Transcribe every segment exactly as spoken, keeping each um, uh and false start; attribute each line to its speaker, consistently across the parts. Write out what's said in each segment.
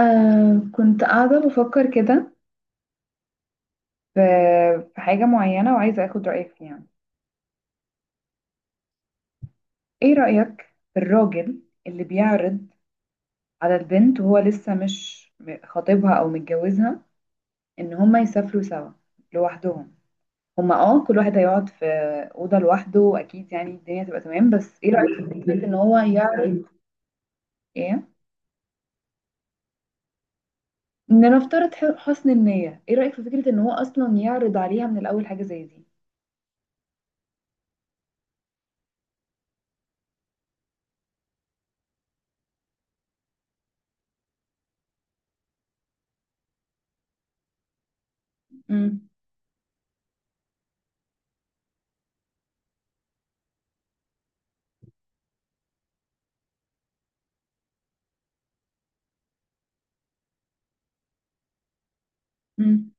Speaker 1: آه كنت قاعدة بفكر كده في في حاجة معينة وعايزة أخد رأيك فيها يعني. إيه رأيك في الراجل اللي بيعرض على البنت وهو لسه مش م- خاطبها أو متجوزها إن هما يسافروا سوا لوحدهم؟ هما اه كل واحد هيقعد في أوضة لوحده، وأكيد يعني الدنيا تبقى تمام. بس إيه رأيك في فكرة إن هو يعرض؟ إيه؟ لنفترض ح- حسن النية. إيه رأيك في فكرة إن هو أصلا يعرض عليها من الأول حاجة زي دي؟ مم. مم.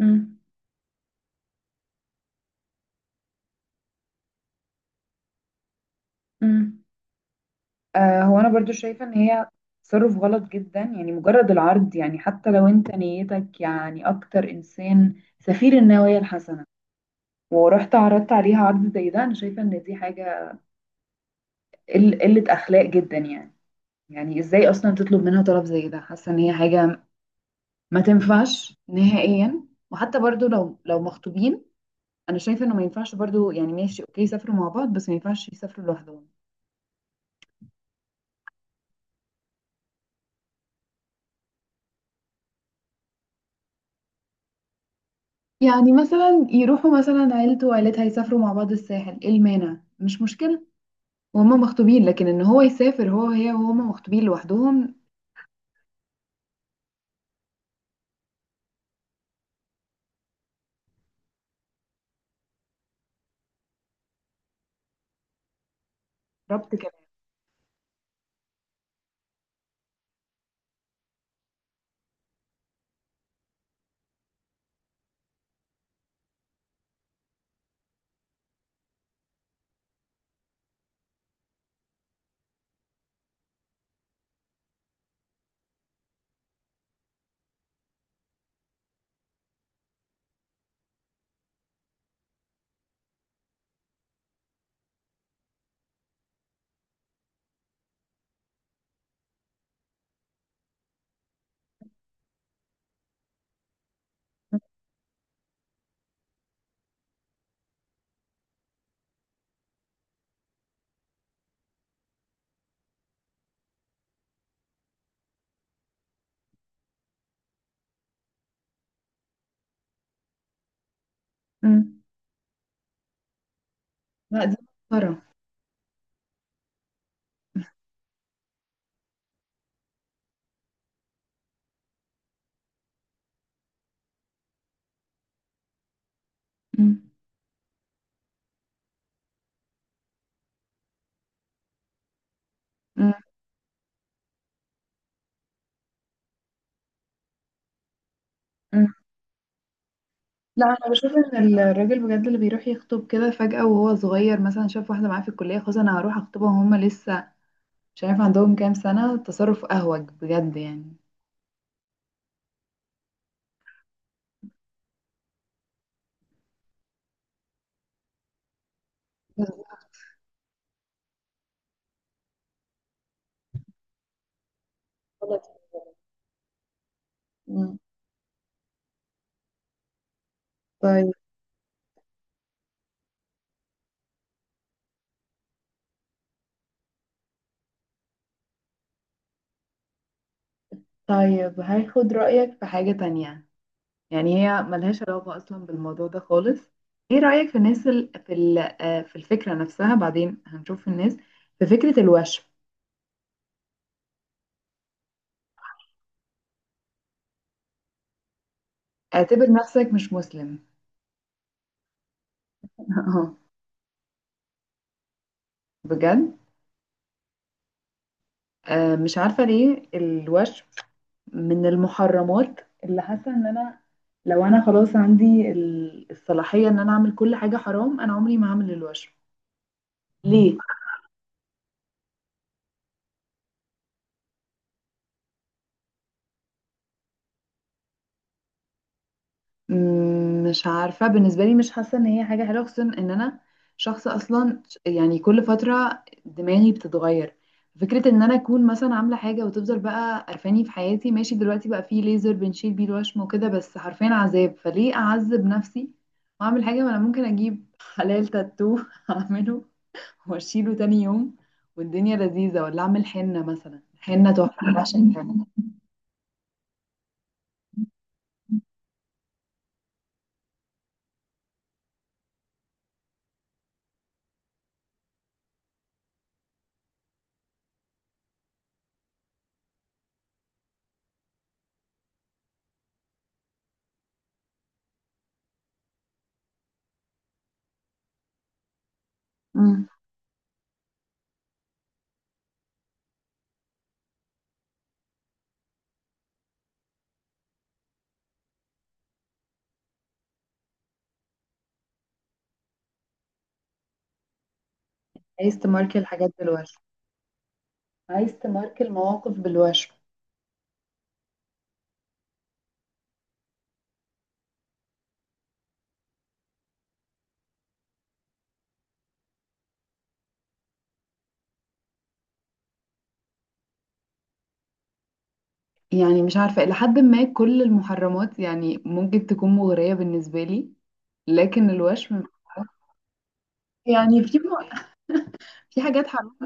Speaker 1: مم. مم. آه، هو انا برضو شايفة ان هي تصرف غلط جدا. يعني مجرد العرض، يعني حتى لو انت نيتك يعني اكتر انسان، سفير النوايا الحسنة، ورحت عرضت عليها عرض زي ده، انا شايفة ان دي حاجة قل- قلة اخلاق جدا يعني. يعني ازاي اصلا تطلب منها طلب زي ده؟ حاسة ان هي حاجة ما تنفعش نهائيا. وحتى برضو لو لو مخطوبين، انا شايفة انه ما ينفعش برضو. يعني ماشي اوكي يسافروا مع بعض، بس ما ينفعش يسافروا لوحدهم. يعني مثلا يروحوا مثلا عيلته وعيلتها يسافروا مع بعض الساحل، ايه المانع؟ مش مشكلة وهما مخطوبين. لكن ان هو يسافر هو وهي وهما مخطوبين لوحدهم. ربط كلام. امم. لا، دي مسخرة. امم. امم. امم. لا، انا بشوف ان الراجل بجد اللي بيروح يخطب كده فجأة وهو صغير، مثلا شاف واحدة معاه في الكلية، خلاص انا هروح اخطبها، وهما لسه مش عارف عندهم كام سنة. تصرف اهوج بجد يعني. بالظبط. أمم. طيب، طيب هاخد رأيك في حاجة تانية. يعني هي ملهاش علاقة أصلا بالموضوع ده خالص. إيه رأيك في الناس ال... في ال... آه، في الفكرة نفسها؟ بعدين هنشوف الناس. في فكرة الوشم، اعتبر نفسك مش مسلم. اه، بجد. آه، مش عارفة ليه الوشم من المحرمات. اللي حاسة إن أنا لو أنا خلاص عندي ال- الصلاحية إن أنا أعمل كل حاجة حرام، أنا عمري ما هعمل الوشم. ليه؟ مم، مش عارفة، بالنسبة لي مش حاسة ان هي حاجة حلوة، خصوصا ان انا شخص اصلا، ش- يعني كل فترة دماغي بتتغير. فكرة ان انا اكون مثلا عاملة حاجة وتفضل بقى قرفاني في حياتي. ماشي، دلوقتي بقى فيه ليزر بنشيل بيه الوشم وكده، بس حرفيا عذاب. فليه اعذب نفسي واعمل حاجة، ما انا ممكن اجيب حلال تاتو اعمله واشيله تاني يوم والدنيا لذيذة. ولا اعمل حنة مثلا، حنة تحفة، أنا بعشق الحنة. مم. عايز تماركي الحاجات بالوشم؟ عايز تماركي المواقف بالوشم؟ يعني مش عارفة، إلى حد ما كل المحرمات يعني ممكن تكون مغرية بالنسبة لي، لكن الوشم. يعني في م- في حاجات حرام،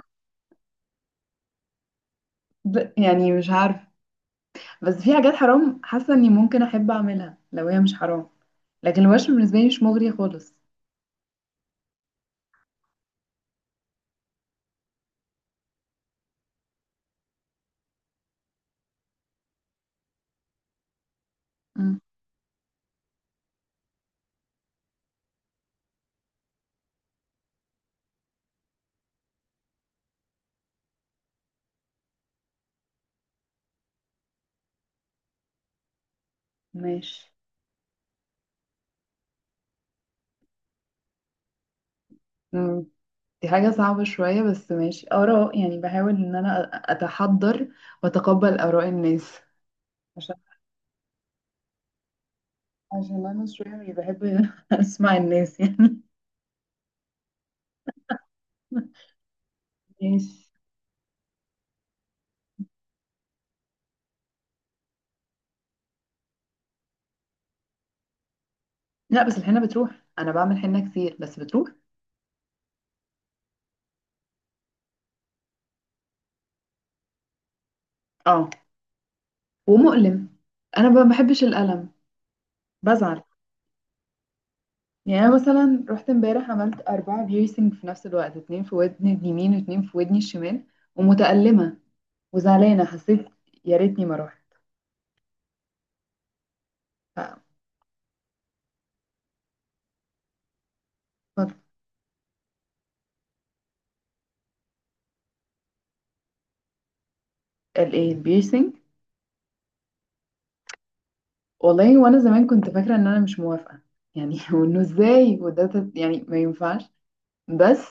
Speaker 1: ب- يعني مش عارفة، بس في حاجات حرام حاسة إني ممكن أحب أعملها لو هي مش حرام، لكن الوشم بالنسبة لي مش مغري خالص. مم. ماشي. مم. دي حاجة صعبة شوية بس ماشي، آراء يعني. بحاول إن أنا أ- أتحضر وأتقبل آراء الناس. عشان عشان أنا شوية مش بحب أسمع الناس يعني. ماشي. لا بس الحنة بتروح، انا بعمل حنة كتير بس بتروح. اه، ومؤلم، انا ما بحبش الألم، بزعل. يعني انا مثلا رحت امبارح عملت أربعة بيرسينج في نفس الوقت، اتنين في ودني اليمين واتنين في ودني الشمال، ومتألمة وزعلانة، حسيت يا ريتني ما رحت. ف ف- الايه البيرسينج؟ والله، وانا زمان كنت فاكرة ان انا مش موافقة يعني، وانه ازاي، وده تت- يعني ما ينفعش. بس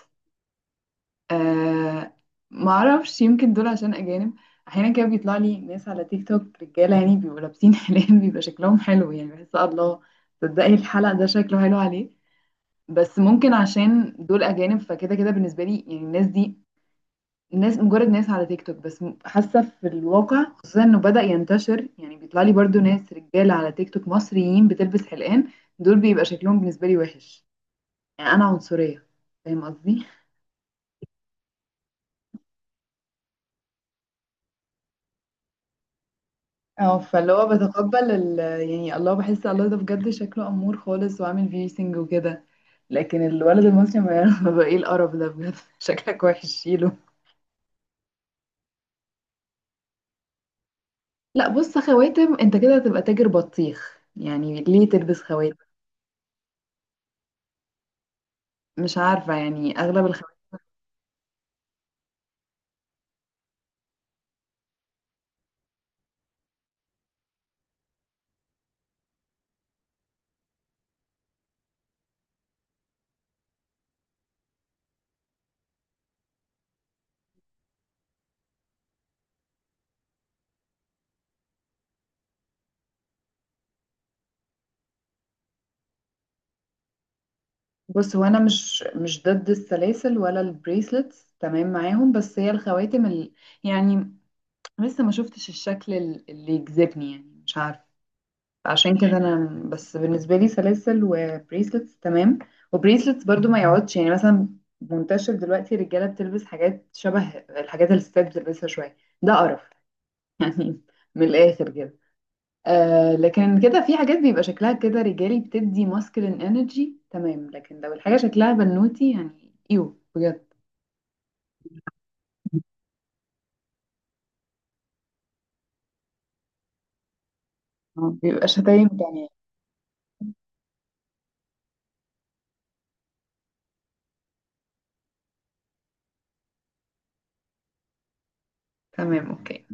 Speaker 1: آه ما اعرفش، يمكن دول عشان اجانب. احيانا كده بيطلع لي ناس على تيك توك رجاله يعني بيبقوا لابسين حلال، بيبقى شكلهم حلو يعني، بحس آه الله تصدقي الحلق ده شكله حلو عليه. بس ممكن عشان دول اجانب، فكده كده بالنسبه لي يعني الناس دي ناس، مجرد ناس على تيك توك، بس م- حاسه في الواقع خصوصا انه بدأ ينتشر. يعني بيطلع لي برضو ناس رجاله على تيك توك مصريين بتلبس حلقان، دول بيبقى شكلهم بالنسبه لي وحش يعني. انا عنصريه، فاهم قصدي؟ اه، فاللي هو بتقبل ال... يعني الله، بحس الله ده بجد شكله أمور خالص وعامل بيرسينج وكده. لكن الولد المصري ما يعرف بقى ايه القرف ده بجد. شكلك وحش، شيله. لا، بص خواتم انت كده هتبقى تاجر بطيخ يعني، ليه تلبس خواتم؟ مش عارفة يعني أغلب الخواتم. بص هو أنا مش مش ضد السلاسل ولا البريسلتس، تمام معاهم. بس هي الخواتم ال... يعني لسه ما شفتش الشكل ال- اللي يجذبني، يعني مش عارفة. عشان كده انا، بس بالنسبه لي سلاسل وبريسلتس تمام. وبريسلتس برضو ما يقعدش يعني، مثلا منتشر دلوقتي الرجاله بتلبس حاجات شبه الحاجات اللي الستات بتلبسها شويه، ده قرف يعني، من الاخر كده. آه لكن كده في حاجات بيبقى شكلها كده رجالي بتدي ماسكلين انرجي تمام. لكن لو الحاجه شكلها بنوتي، يعني ايوه بجد. آه، بيبقى شتايم تمام. تمام اوكي.